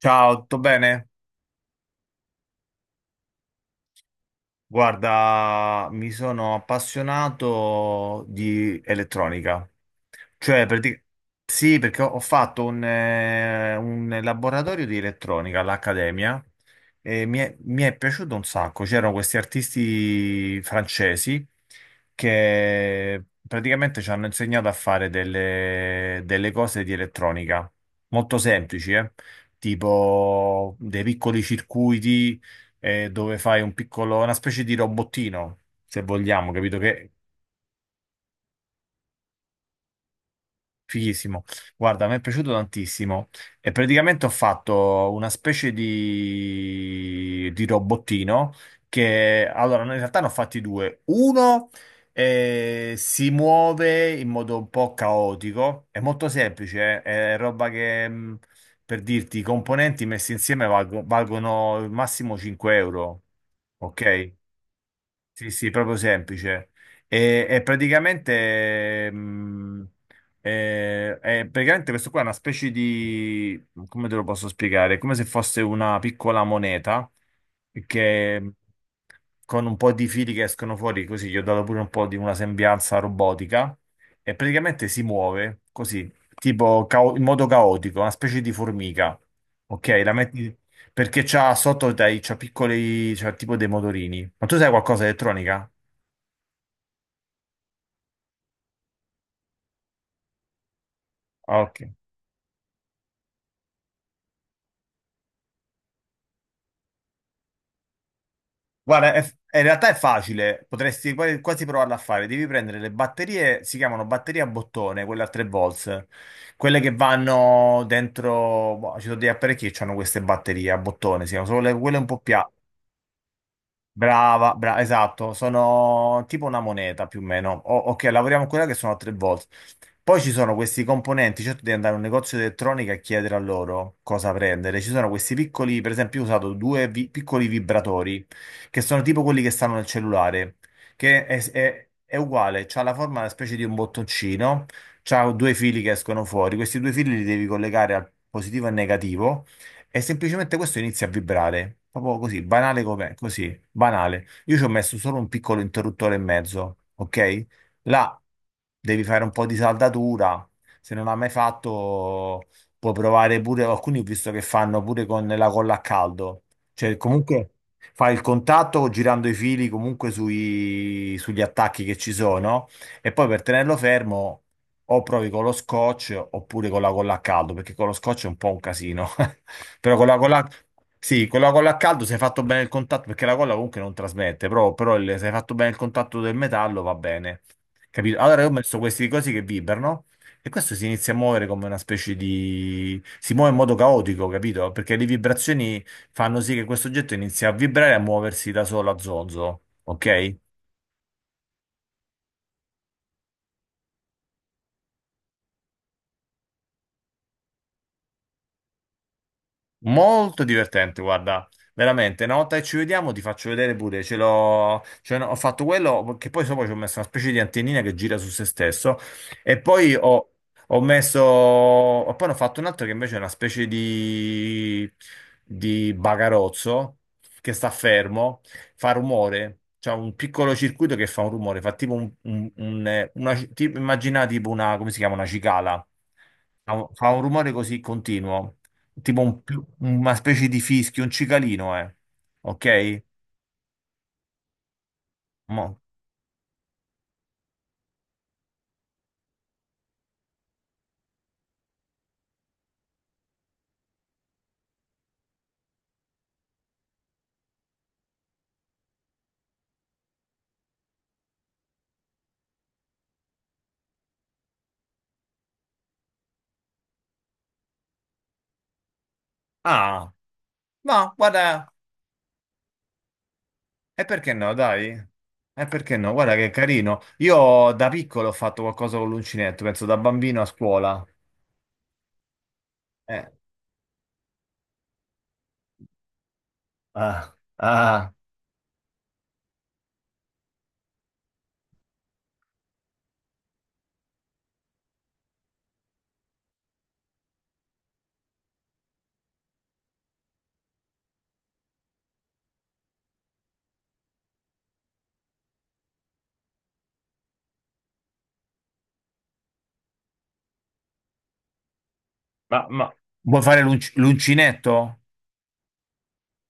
Ciao, tutto bene? Guarda, mi sono appassionato di elettronica. Cioè, sì, perché ho fatto un laboratorio di elettronica all'Accademia e mi è piaciuto un sacco. C'erano questi artisti francesi che praticamente ci hanno insegnato a fare delle cose di elettronica molto semplici, eh? Tipo dei piccoli circuiti dove fai un piccolo, una specie di robottino, se vogliamo, capito? Che Fighissimo. Guarda, mi è piaciuto tantissimo e praticamente ho fatto una specie di robottino che allora no, in realtà ne ho fatti due. Uno si muove in modo un po' caotico, è molto semplice, è roba che per dirti i componenti messi insieme valgono il massimo 5 euro, ok? Sì, sì, proprio semplice. E praticamente questo qua è una specie di, come te lo posso spiegare? È come se fosse una piccola moneta che con un po' di fili che escono fuori, così gli ho dato pure un po' di una sembianza robotica e praticamente si muove così, in modo caotico, una specie di formica. Ok, la metti perché c'ha sotto dai, c'ha piccoli, c'ha tipo dei motorini. Ma tu sai qualcosa di elettronica? Ah, ok. Guarda, in realtà è facile, potresti quasi provarla a fare. Devi prendere le batterie, si chiamano batterie a bottone, quelle a 3 volts, quelle che vanno dentro. Boh, ci sono degli apparecchi che hanno queste batterie a bottone, si chiamano, sono quelle un po' più. Brava, brava, esatto, sono tipo una moneta più o meno. Ok, lavoriamo con quella che sono a tre volte. Poi ci sono questi componenti, certo devi andare a un negozio di elettronica e chiedere a loro cosa prendere. Ci sono questi piccoli, per esempio, io ho usato due piccoli vibratori, che sono tipo quelli che stanno nel cellulare, che è uguale, c'ha la forma una specie di un bottoncino, c'ha due fili che escono fuori, questi due fili li devi collegare al positivo e al negativo. E semplicemente questo inizia a vibrare, proprio così, banale com'è, così, banale. Io ci ho messo solo un piccolo interruttore e mezzo, ok? Là devi fare un po' di saldatura, se non l'hai mai fatto puoi provare pure, alcuni ho visto che fanno pure con la colla a caldo, cioè comunque fai il contatto girando i fili comunque sugli attacchi che ci sono e poi per tenerlo fermo. O provi con lo scotch oppure con la colla a caldo, perché con lo scotch è un po' un casino. Però con la colla, sì, con la colla a caldo se hai fatto bene il contatto, perché la colla comunque non trasmette, però se hai fatto bene il contatto del metallo va bene. Capito? Allora io ho messo questi cosi che vibrano e questo si inizia a muovere come una specie di. Si muove in modo caotico, capito? Perché le vibrazioni fanno sì che questo oggetto inizi a vibrare e a muoversi da solo a zonzo, ok? Molto divertente, guarda, veramente. Una volta che ci vediamo ti faccio vedere pure, ce l'ho, cioè, no, ho fatto quello che poi sopra ci ho messo una specie di antennina che gira su se stesso e poi ho, e poi ne ho fatto un altro che invece è una specie di bagarozzo che sta fermo, fa rumore, c'è un piccolo circuito che fa un rumore, fa tipo immagina tipo una, come si chiama, una cicala, fa un rumore così continuo tipo una specie di fischio, un cicalino, eh. Ok? Mo- Ah, ma guarda, e perché no, dai? E perché no? Guarda che carino. Io da piccolo ho fatto qualcosa con l'uncinetto, penso da bambino a scuola. Eh, ah, ah, ma vuoi fare l'uncinetto?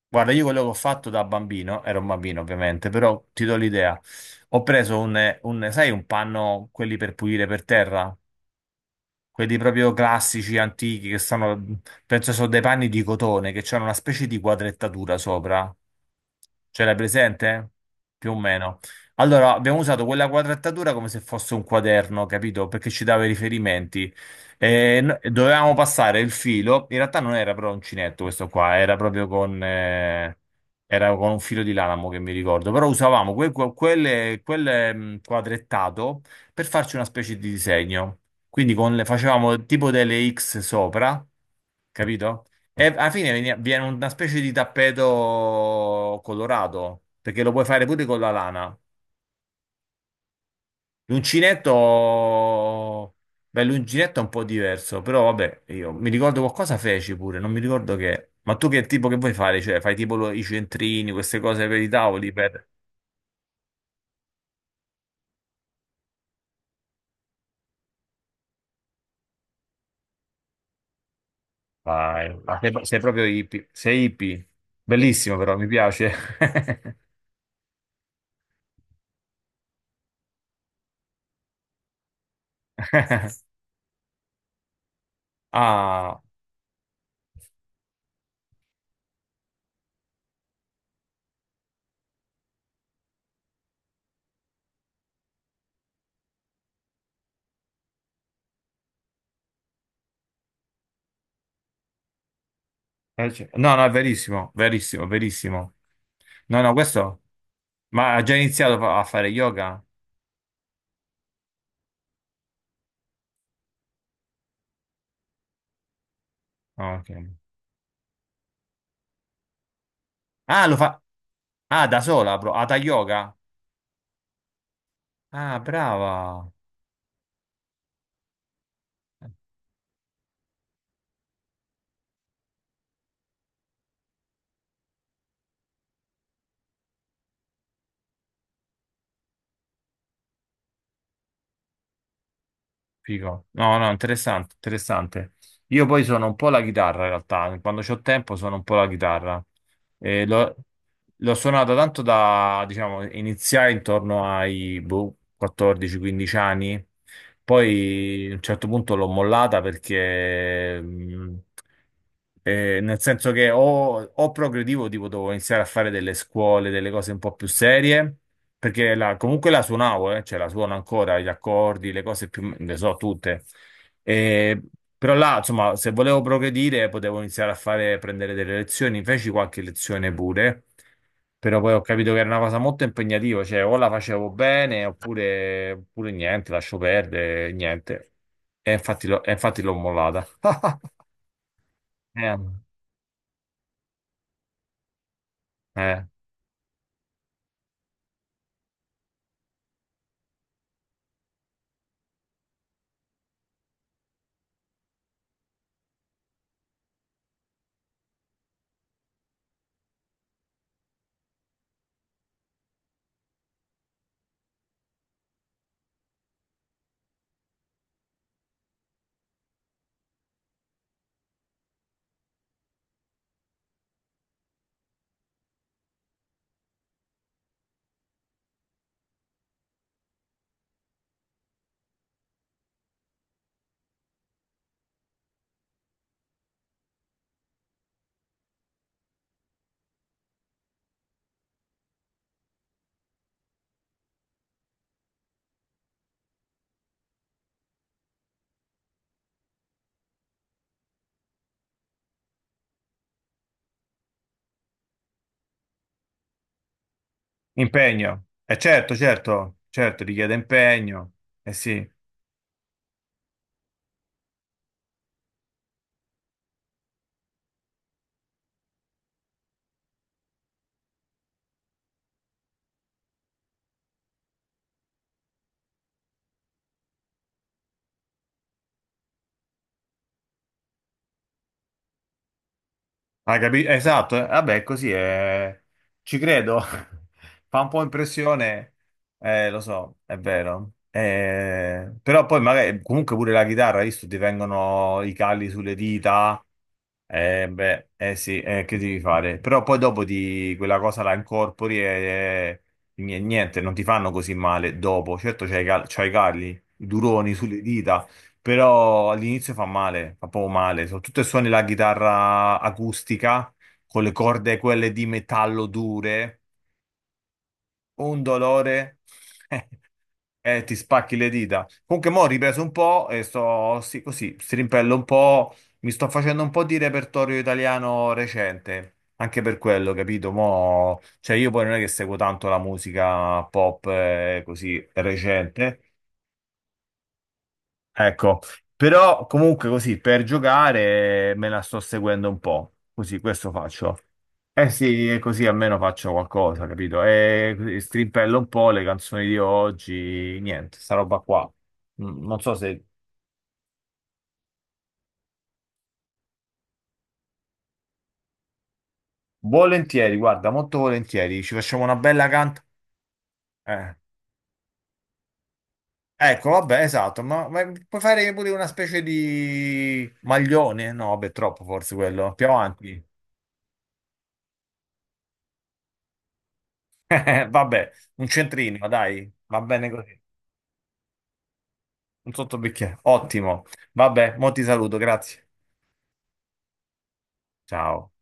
Guarda, io quello che ho fatto da bambino, ero un bambino ovviamente, però ti do l'idea. Ho preso sai, un panno, quelli per pulire per terra? Quelli proprio classici, antichi, che stanno, penso sono dei panni di cotone, che hanno una specie di quadrettatura sopra. Ce l'hai presente? Più o meno. Allora, abbiamo usato quella quadrettatura come se fosse un quaderno, capito? Perché ci dava i riferimenti. E no- E dovevamo passare il filo. In realtà non era però uncinetto questo qua, era proprio era con un filo di lanamo che mi ricordo. Però usavamo quadrettato per farci una specie di disegno. Quindi facevamo tipo delle X sopra, capito? E alla fine viene una specie di tappeto colorato, perché lo puoi fare pure con la lana. L'uncinetto, beh, l'uncinetto è un po' diverso, però vabbè, io mi ricordo qualcosa feci pure, non mi ricordo che. Ma tu che tipo che vuoi fare? Cioè, fai tipo i centrini, queste cose per i tavoli, per... Vai, ma sei, sei proprio hippie, sei hippie. Bellissimo però, mi piace. Ah. No, no, è verissimo, verissimo, verissimo. No, no, questo... Ma ha già iniziato a fare yoga? Ah, ok. Ah, lo fa... Ah, da sola, bro. Hatha yoga? Ah, brava. Figo. No, no, interessante, interessante. Io poi sono un po' la chitarra, in realtà. Quando c'ho tempo sono un po' la chitarra. E lo- L'ho suonata tanto da, diciamo, iniziai intorno ai boh, 14-15 anni, poi a un certo punto l'ho mollata perché nel senso che o progredivo, tipo dovevo iniziare a fare delle scuole, delle cose un po' più serie, perché comunque la suonavo, cioè la suono ancora, gli accordi, le cose più, le so tutte. Eh, però là, insomma, se volevo progredire, potevo iniziare a fare, prendere delle lezioni, feci qualche lezione pure, però poi ho capito che era una cosa molto impegnativa, cioè o la facevo bene oppure, oppure niente, lascio perdere, niente. E infatti l'ho mollata. Eh, eh. Impegno, eh certo, certo, certo, richiede impegno, eh sì, hai capito? Esatto, vabbè, così è, ci credo, fa un po' impressione, lo so, è vero, però poi magari, comunque pure la chitarra, hai visto, ti vengono i calli sulle dita, eh beh, eh sì, che devi fare? Però poi dopo ti, quella cosa la incorpori e, niente, non ti fanno così male dopo, certo c'hai i calli, i duroni sulle dita, però all'inizio fa male, fa proprio male, soprattutto se suoni la chitarra acustica con le corde quelle di metallo dure, un dolore e ti spacchi le dita. Comunque mo' ho ripreso un po' e sto sì, così, strimpello un po', mi sto facendo un po' di repertorio italiano recente. Anche per quello, capito? Mo', cioè io poi non è che seguo tanto la musica pop così recente. Ecco, però comunque così per giocare me la sto seguendo un po', così questo faccio. Eh sì, e così almeno faccio qualcosa, capito? E così strimpello un po' le canzoni di oggi, niente, sta roba qua. Non so se... Volentieri, guarda, molto volentieri, ci facciamo una bella canta. Eh. Ecco, vabbè, esatto, ma puoi fare pure una specie di maglione? No, vabbè, troppo forse quello, più avanti. Vabbè, un centrino, dai, va bene così. Un sottobicchiere. Ottimo. Vabbè, mo ti saluto, grazie. Ciao.